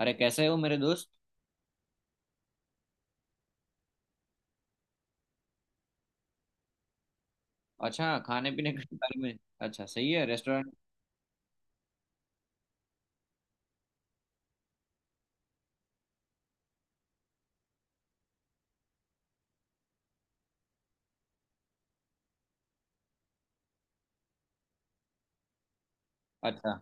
अरे कैसे हो मेरे दोस्त? अच्छा, खाने पीने के बारे में। अच्छा सही है, रेस्टोरेंट। अच्छा।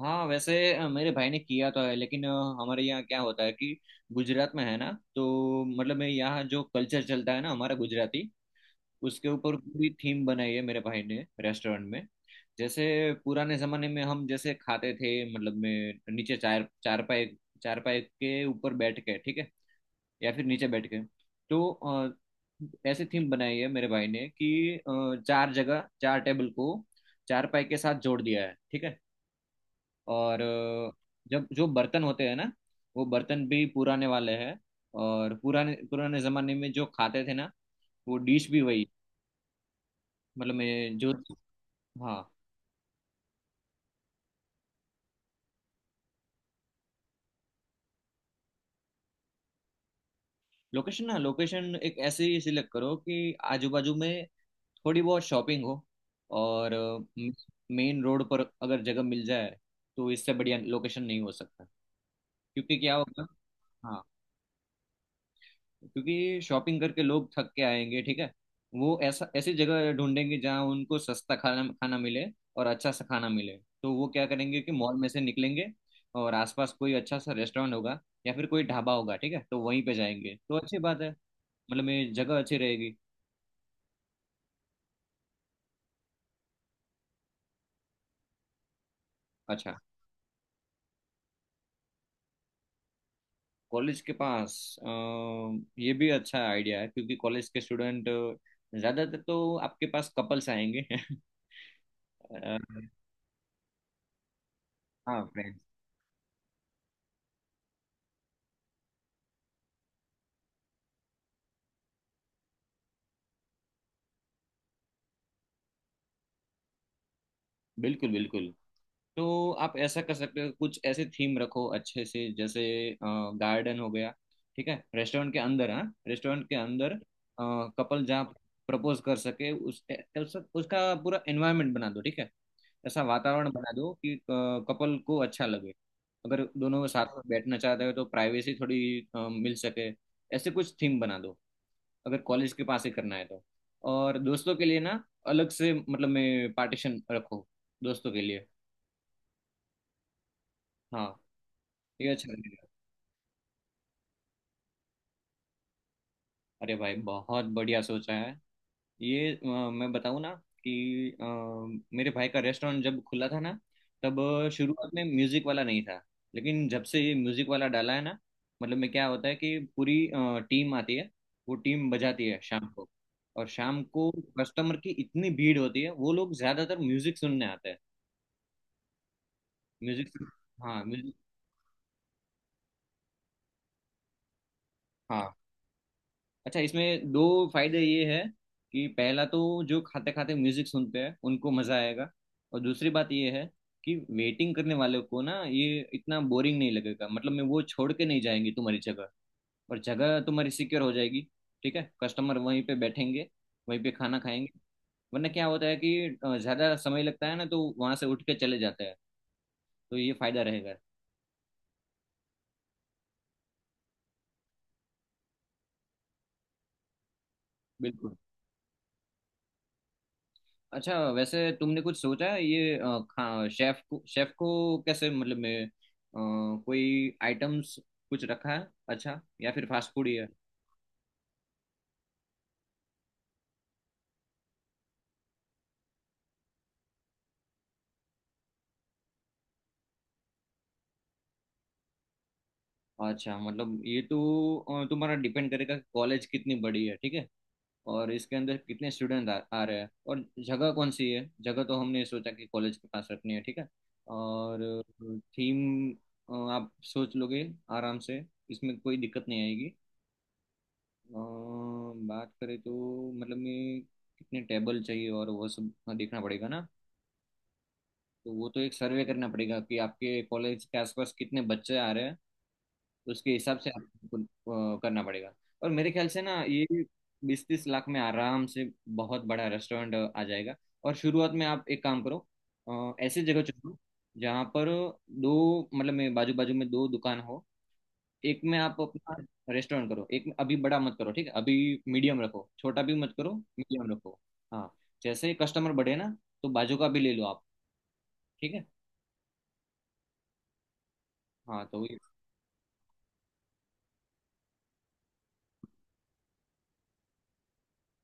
हाँ वैसे मेरे भाई ने किया तो है, लेकिन हमारे यहाँ क्या होता है कि गुजरात में है ना, तो मतलब मेरे यहाँ जो कल्चर चलता है ना हमारा गुजराती, उसके ऊपर पूरी थीम बनाई है मेरे भाई ने रेस्टोरेंट में। जैसे पुराने जमाने में हम जैसे खाते थे, मतलब में नीचे चार चारपाई। चारपाई के ऊपर बैठ के, ठीक है, या फिर नीचे बैठ के। तो ऐसे थीम बनाई है मेरे भाई ने कि चार जगह चार टेबल को चारपाई के साथ जोड़ दिया है, ठीक है। और जब जो बर्तन होते हैं ना, वो बर्तन भी पुराने वाले हैं। और पुराने पुराने जमाने में जो खाते थे ना, वो डिश भी वही। मतलब मैं जो… हाँ। लोकेशन ना, लोकेशन एक ऐसी सिलेक्ट करो कि आजू बाजू में थोड़ी बहुत शॉपिंग हो, और मेन रोड पर अगर जगह मिल जाए तो इससे बढ़िया लोकेशन नहीं हो सकता। क्योंकि क्या होगा… हाँ। क्योंकि शॉपिंग करके लोग थक के आएंगे, ठीक है। वो ऐसा ऐसी जगह ढूंढेंगे जहाँ उनको सस्ता खाना खाना मिले और अच्छा सा खाना मिले। तो वो क्या करेंगे कि मॉल में से निकलेंगे, और आसपास कोई अच्छा सा रेस्टोरेंट होगा या फिर कोई ढाबा होगा, ठीक है, तो वहीं पे जाएंगे। तो अच्छी बात है, मतलब ये जगह अच्छी रहेगी। अच्छा। कॉलेज के पास अ, ये भी अच्छा आइडिया है, क्योंकि कॉलेज के स्टूडेंट, ज़्यादातर तो आपके पास कपल्स आएंगे अ, हाँ, फ्रेंड्स। बिल्कुल बिल्कुल। तो आप ऐसा कर सकते हो, कुछ ऐसे थीम रखो अच्छे से, जैसे गार्डन हो गया, ठीक है, रेस्टोरेंट के अंदर। हाँ, रेस्टोरेंट के अंदर कपल जहाँ प्रपोज कर सके, उस उसका पूरा एनवायरनमेंट बना दो, ठीक है। ऐसा वातावरण बना दो कि कपल को अच्छा लगे। अगर दोनों साथ में बैठना चाहते हो तो प्राइवेसी थोड़ी मिल सके, ऐसे कुछ थीम बना दो, अगर कॉलेज के पास ही करना है तो। और दोस्तों के लिए ना अलग से, मतलब मैं पार्टीशन रखो दोस्तों के लिए। हाँ, ये अच्छा लगेगा। अरे भाई बहुत बढ़िया सोचा है ये। मैं बताऊँ ना कि मेरे भाई का रेस्टोरेंट जब खुला था ना, तब शुरुआत में म्यूजिक वाला नहीं था। लेकिन जब से ये म्यूजिक वाला डाला है ना, मतलब में क्या होता है कि पूरी टीम आती है, वो टीम बजाती है शाम को। और शाम को कस्टमर की इतनी भीड़ होती है, वो लोग ज्यादातर म्यूजिक सुनने आते हैं। म्यूजिक। हाँ, म्यूजिक। हाँ। अच्छा, इसमें दो फायदे ये है कि पहला तो जो खाते खाते म्यूजिक सुनते हैं उनको मजा आएगा। और दूसरी बात ये है कि वेटिंग करने वालों को ना ये इतना बोरिंग नहीं लगेगा, मतलब मैं वो छोड़ के नहीं जाएंगे तुम्हारी जगह, और जगह तुम्हारी सिक्योर हो जाएगी, ठीक है। कस्टमर वहीं पे बैठेंगे, वहीं पे खाना खाएंगे। वरना क्या होता है कि ज्यादा समय लगता है ना, तो वहां से उठ के चले जाते हैं। तो ये फायदा रहेगा। बिल्कुल। अच्छा वैसे तुमने कुछ सोचा है ये खा शेफ को, कैसे, मतलब मैं कोई आइटम्स कुछ रखा है अच्छा, या फिर फास्ट फूड ही है। अच्छा, मतलब ये तो तुम्हारा डिपेंड करेगा कि कॉलेज कितनी बड़ी है, ठीक है, और इसके अंदर कितने स्टूडेंट आ रहे हैं, और जगह कौन सी है, जगह तो हमने सोचा कि कॉलेज के पास रखनी है, ठीक है। और थीम आप सोच लोगे आराम से, इसमें कोई दिक्कत नहीं आएगी। बात करें तो, मतलब मैं कितने टेबल चाहिए और वो सब देखना पड़ेगा ना, तो वो तो एक सर्वे करना पड़ेगा कि आपके कॉलेज के आसपास कितने बच्चे आ रहे हैं, उसके हिसाब से आपको करना पड़ेगा। और मेरे ख्याल से ना ये 20-30 लाख में आराम से बहुत बड़ा रेस्टोरेंट आ जाएगा। और शुरुआत में आप एक काम करो, ऐसी जगह चुनो जहाँ पर दो मतलब मैं बाजू बाजू में दो दुकान हो। एक में आप अपना रेस्टोरेंट करो, एक में अभी बड़ा मत करो, ठीक है, अभी मीडियम रखो, छोटा भी मत करो। मीडियम रखो। हाँ, जैसे कस्टमर बढ़े ना तो बाजू का भी ले लो आप, ठीक है। हाँ तो ये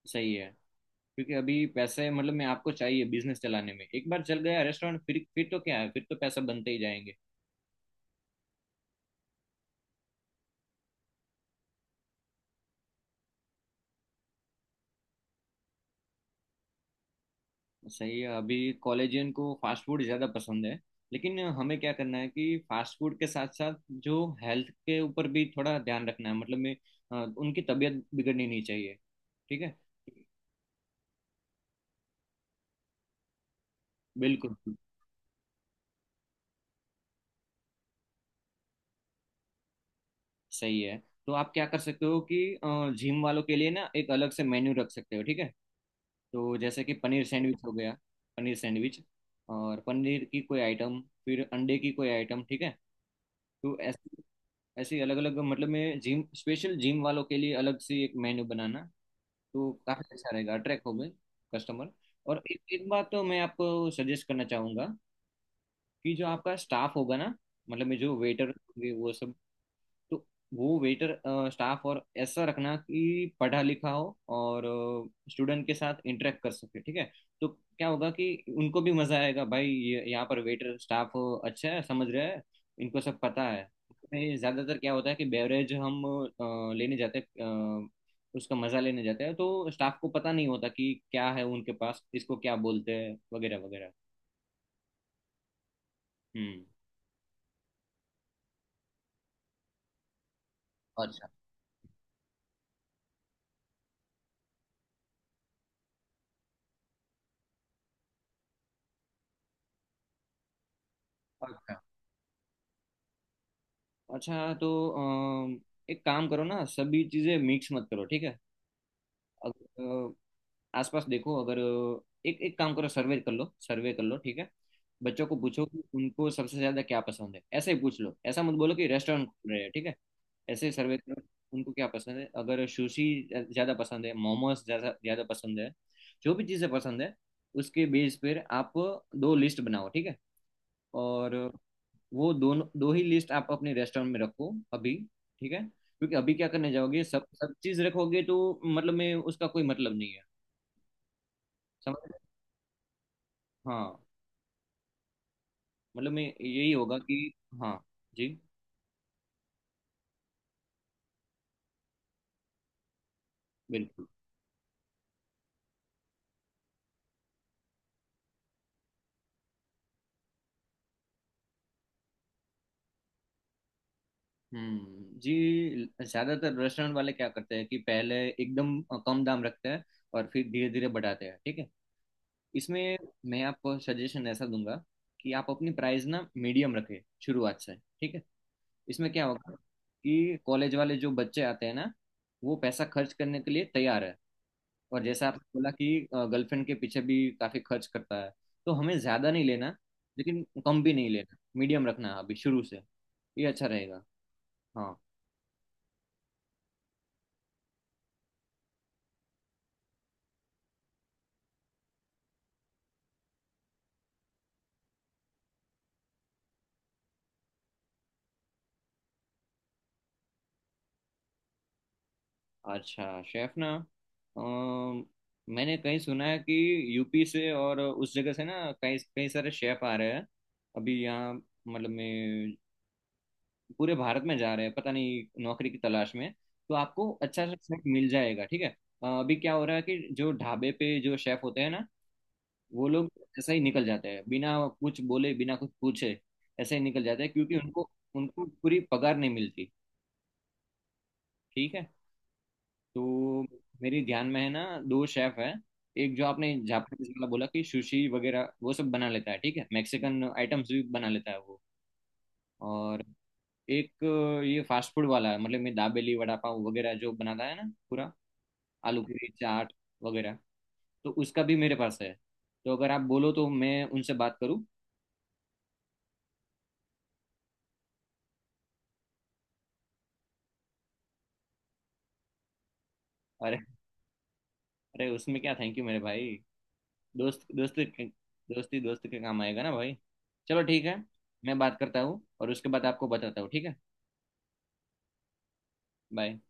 सही है, क्योंकि अभी पैसे मतलब मैं आपको चाहिए बिजनेस चलाने में। एक बार चल गया रेस्टोरेंट फिर तो क्या है, फिर तो पैसा बनते ही जाएंगे। सही है। अभी कॉलेजियन को फास्ट फूड ज़्यादा पसंद है, लेकिन हमें क्या करना है कि फास्ट फूड के साथ साथ जो हेल्थ के ऊपर भी थोड़ा ध्यान रखना है, मतलब में उनकी तबीयत बिगड़नी नहीं चाहिए, ठीक है। बिल्कुल। सही है, तो आप क्या कर सकते हो कि जिम वालों के लिए ना एक अलग से मेन्यू रख सकते हो, ठीक है। तो जैसे कि पनीर सैंडविच हो गया, पनीर सैंडविच और पनीर की कोई आइटम, फिर अंडे की कोई आइटम, ठीक है, तो ऐसे ऐसे ही अलग अलग, मतलब मैं जिम स्पेशल, जिम वालों के लिए अलग से एक मेन्यू बनाना तो काफ़ी अच्छा रहेगा, अट्रैक्ट होंगे कस्टमर। और एक बात तो मैं आपको सजेस्ट करना चाहूँगा कि जो आपका स्टाफ होगा ना, मतलब में जो वेटर होंगे वो सब, तो वो वेटर स्टाफ और ऐसा रखना कि पढ़ा लिखा हो और स्टूडेंट के साथ इंटरेक्ट कर सके, ठीक है। तो क्या होगा कि उनको भी मजा आएगा, भाई ये यहाँ पर वेटर स्टाफ अच्छा है, समझ रहा है, इनको सब पता है। इसमें ज्यादातर क्या होता है कि बेवरेज हम लेने जाते हैं, उसका मजा लेने जाते हैं, तो स्टाफ को पता नहीं होता कि क्या है उनके पास, इसको क्या बोलते हैं वगैरह वगैरह। हम्म। अच्छा। अच्छा तो एक काम करो ना, सभी चीज़ें मिक्स मत करो, ठीक है। अगर अ, आसपास देखो, अगर एक एक काम करो, सर्वे कर लो, सर्वे कर लो, ठीक है। बच्चों को पूछो कि उनको सबसे ज़्यादा क्या पसंद है, ऐसे ही पूछ लो, ऐसा मत बोलो कि रेस्टोरेंट खुल रहे हैं, ठीक है। ऐसे सर्वे करो उनको क्या पसंद है, अगर सुशी ज़्यादा पसंद है, मोमोज ज़्यादा ज़्यादा पसंद है, जो भी चीज़ें पसंद है उसके बेस पर आप दो लिस्ट बनाओ, ठीक है। और वो दोनों, दो ही लिस्ट आप अपने रेस्टोरेंट में रखो अभी, ठीक है। क्योंकि अभी क्या करने जाओगे, सब सब चीज़ रखोगे तो मतलब में उसका कोई मतलब नहीं है। समझ रहे हो? हाँ, मतलब में यही होगा कि… हाँ जी। बिल्कुल। जी। ज़्यादातर रेस्टोरेंट वाले क्या करते हैं कि पहले एकदम कम दाम रखते हैं, और फिर धीरे धीरे बढ़ाते हैं, ठीक है। इसमें मैं आपको सजेशन ऐसा दूंगा कि आप अपनी प्राइस ना मीडियम रखें शुरुआत से, ठीक है। इसमें क्या होगा कि कॉलेज वाले जो बच्चे आते हैं ना, वो पैसा खर्च करने के लिए तैयार है। और जैसा आपने बोला कि गर्लफ्रेंड के पीछे भी काफी खर्च करता है, तो हमें ज्यादा नहीं लेना, लेकिन कम भी नहीं लेना, मीडियम रखना है अभी शुरू से। ये अच्छा रहेगा। हाँ। अच्छा, शेफ ना, अम, मैंने कहीं सुना है कि यूपी से और उस जगह से ना कई कई सारे शेफ आ रहे हैं अभी यहाँ, मतलब मैं पूरे भारत में जा रहे हैं, पता नहीं, नौकरी की तलाश में। तो आपको अच्छा सा शेफ मिल जाएगा, ठीक है। अभी क्या हो रहा है कि जो ढाबे पे जो शेफ होते हैं ना, वो लोग ऐसे ही निकल जाते हैं बिना कुछ बोले बिना कुछ पूछे, ऐसे ही निकल जाते हैं, क्योंकि उनको उनको पूरी पगार नहीं मिलती, ठीक है। तो मेरी ध्यान में है ना, दो शेफ है। एक, जो आपने जापानीज वाला बोला कि सुशी वगैरह वो सब बना लेता है, ठीक है, मैक्सिकन आइटम्स भी बना लेता है वो। और एक ये फास्ट फूड वाला है, मतलब मैं दाबेली वड़ा पाव वगैरह जो बनाता है ना पूरा, आलू पूरी चाट वगैरह। तो उसका भी मेरे पास है। तो अगर आप बोलो तो मैं उनसे बात करूँ। अरे, अरे उसमें क्या थैंक यू मेरे भाई। दोस्त दोस्त, दोस्ती दोस्त के काम आएगा ना भाई। चलो ठीक है, मैं बात करता हूँ और उसके बाद आपको बताता हूँ, ठीक है। बाय।